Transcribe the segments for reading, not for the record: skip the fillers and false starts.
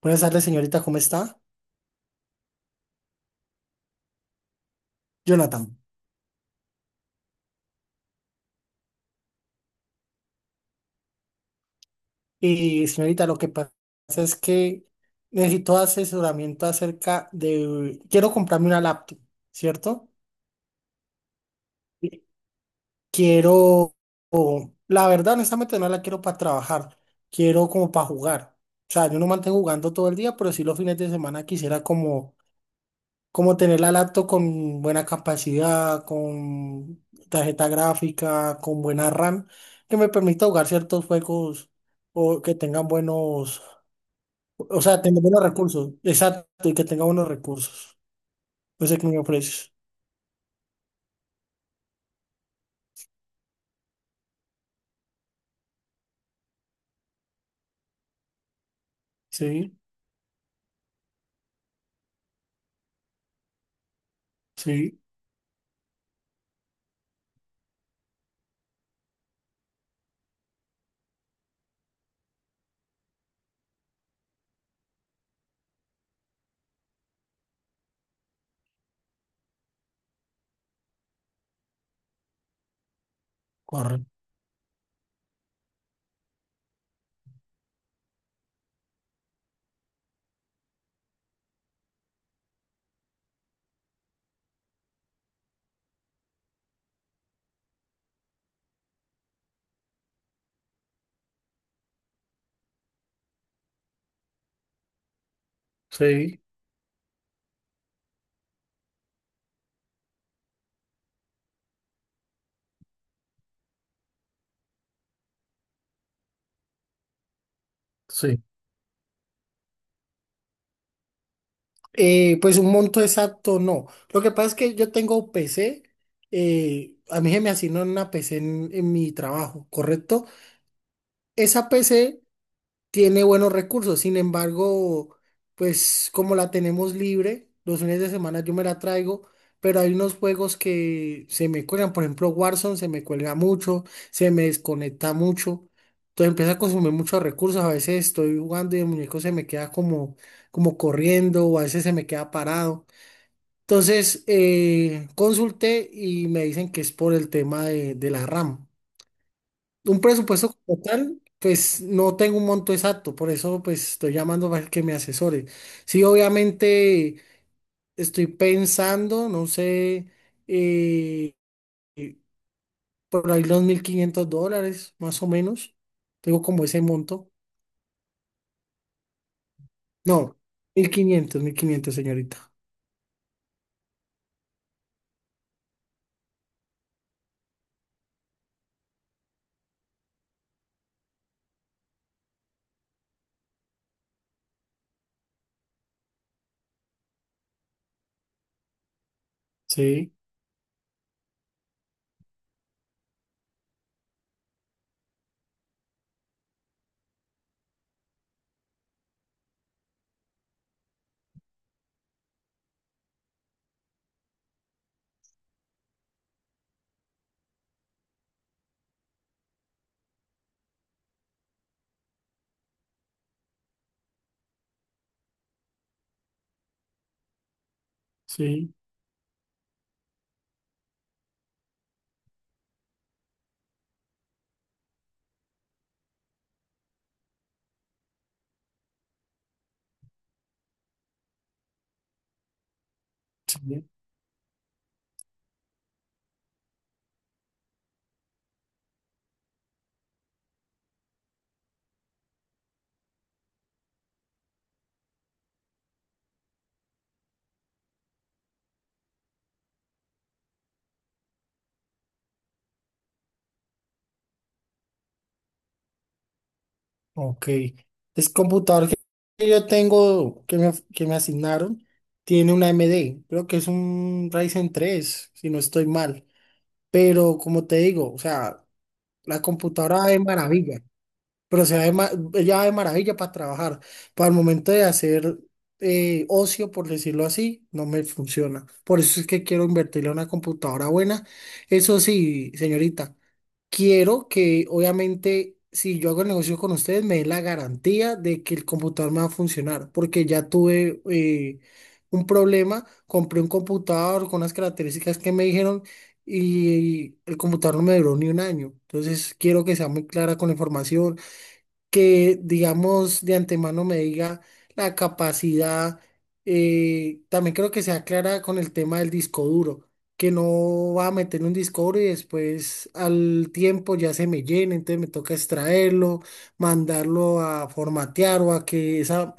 Buenas tardes, señorita, ¿cómo está? Jonathan. Y señorita, lo que pasa es que necesito asesoramiento acerca de ...quiero comprarme una laptop, ¿cierto? Y Quiero... La verdad, honestamente, no la quiero para trabajar. Quiero como para jugar. O sea, yo no mantengo jugando todo el día, pero sí los fines de semana quisiera como tener la laptop con buena capacidad, con tarjeta gráfica, con buena RAM, que me permita jugar ciertos juegos o que tengan buenos, o sea, tener buenos recursos, exacto, y que tenga buenos recursos. No sé qué me ofreces. Sí, sí, correcto. Sí, sí. Pues un monto exacto no. Lo que pasa es que yo tengo PC, a mí se me asignó una PC en mi trabajo, ¿correcto? Esa PC tiene buenos recursos. Sin embargo, pues como la tenemos libre, los fines de semana yo me la traigo, pero hay unos juegos que se me cuelgan. Por ejemplo, Warzone se me cuelga mucho, se me desconecta mucho. Entonces empieza a consumir muchos recursos. A veces estoy jugando y el muñeco se me queda como, como corriendo, o a veces se me queda parado. Entonces consulté y me dicen que es por el tema de la RAM. Un presupuesto como tal, pues no tengo un monto exacto, por eso pues estoy llamando para que me asesore. Sí, obviamente estoy pensando, no sé, eh, eh, por ahí los $1,500, más o menos. Tengo como ese monto. No, 1.500, 1.500 señorita. Sí, sí, sí. Ok. El computador que yo tengo, que me asignaron, tiene una AMD. Creo que es un Ryzen 3, si no estoy mal. Pero como te digo, o sea, la computadora es maravilla, pero se va de ma- ella va de maravilla para trabajar. Para el momento de hacer ocio, por decirlo así, no me funciona. Por eso es que quiero invertirle a una computadora buena. Eso sí, señorita, quiero que, obviamente, si yo hago el negocio con ustedes, me den la garantía de que el computador me va a funcionar, porque ya tuve, un problema, compré un computador con las características que me dijeron y el computador no me duró ni 1 año. Entonces quiero que sea muy clara con la información, que, digamos, de antemano me diga la capacidad. También creo que sea clara con el tema del disco duro, que no va a meter un disco duro y después, al tiempo, ya se me llena, entonces me toca extraerlo, mandarlo a formatear o a que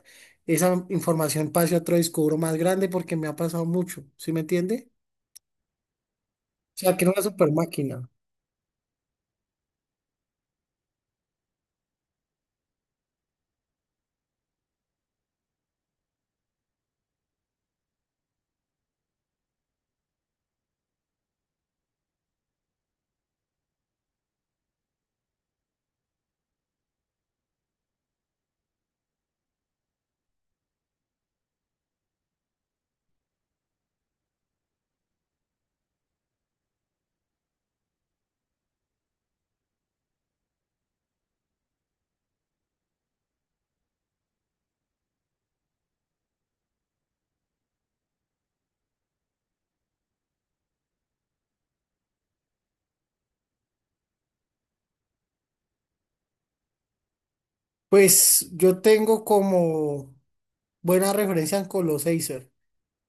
esa información pase a otro disco duro más grande, porque me ha pasado mucho, ¿sí me entiende? O sea, que era una super máquina. Pues yo tengo como buena referencia en Colossacer.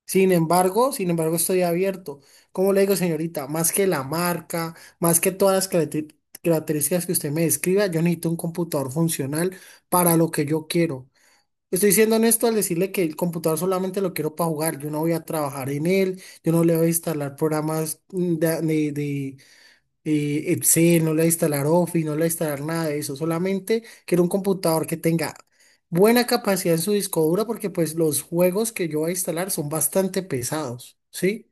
Sin embargo, estoy abierto. Como le digo, señorita, más que la marca, más que todas las características que usted me describa, yo necesito un computador funcional para lo que yo quiero. Estoy siendo honesto al decirle que el computador solamente lo quiero para jugar. Yo no voy a trabajar en él, yo no le voy a instalar programas de, Excel, no le va a instalar Office, no le va a instalar nada de eso, solamente quiero un computador que tenga buena capacidad en su disco duro, porque pues los juegos que yo voy a instalar son bastante pesados, ¿sí?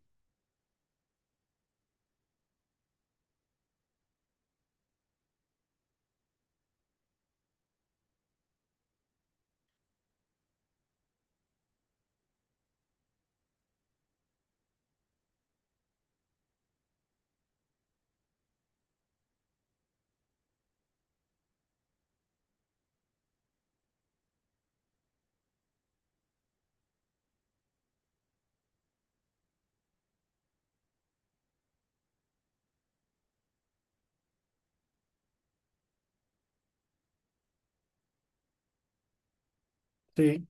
Sí,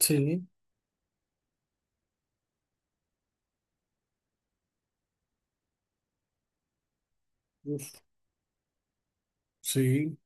sí, uf, sí.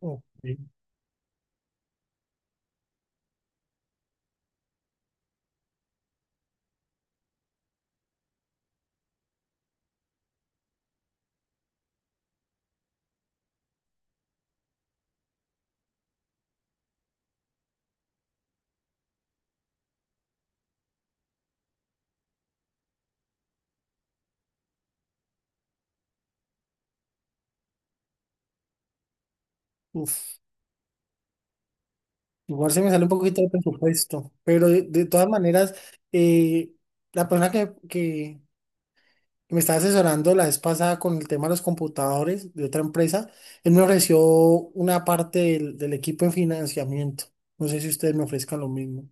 Ok, uf. Igual se me sale un poquito de presupuesto, pero de todas maneras, eh, la persona que me estaba asesorando la vez pasada con el tema de los computadores de otra empresa, él me ofreció una parte del equipo en financiamiento. No sé si ustedes me ofrezcan lo mismo.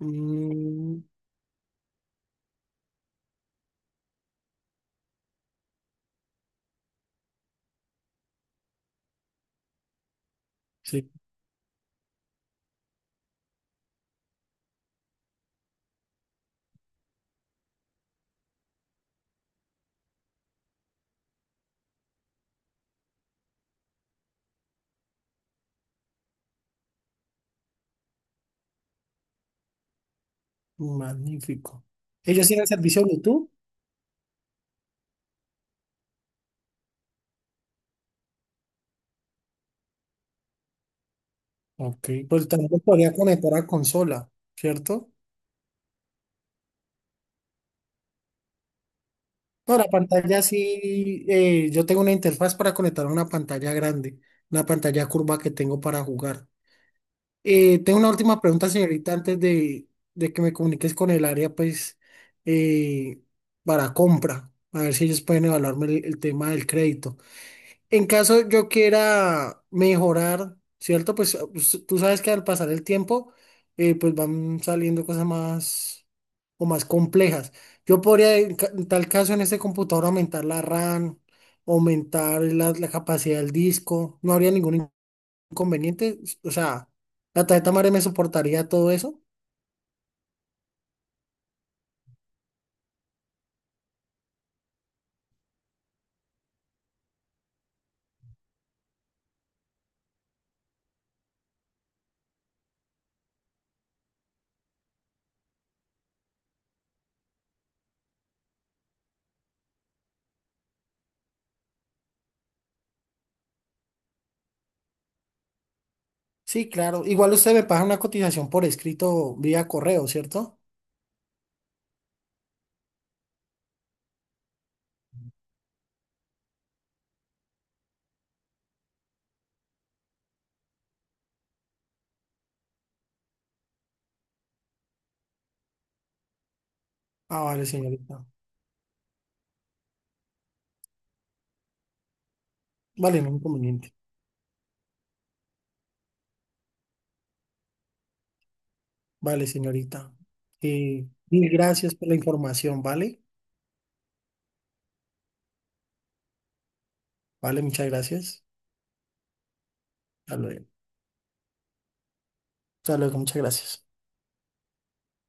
Mm, sí, magnífico. ¿Ellos tienen servicio Bluetooth? Ok, pues también podría conectar a consola, ¿cierto? No, la pantalla sí, yo tengo una interfaz para conectar a una pantalla grande, una pantalla curva que tengo para jugar. Tengo una última pregunta, señorita, antes de que me comuniques con el área, pues, eh, para compra, a ver si ellos pueden evaluarme el tema del crédito. En caso yo quiera mejorar, ¿cierto? Pues tú sabes que al pasar el tiempo, pues van saliendo cosas más o más complejas. Yo podría, en tal caso, en este computador aumentar la RAM, aumentar la capacidad del disco, no habría ningún conveniente, o sea, la tarjeta madre me soportaría todo eso. Sí, claro. Igual usted me paga una cotización por escrito vía correo, ¿cierto? Ah, vale, señorita. Vale, no hay inconveniente. Vale, señorita. Mil gracias por la información, ¿vale? Vale, muchas gracias. Hasta luego. Hasta luego, muchas gracias.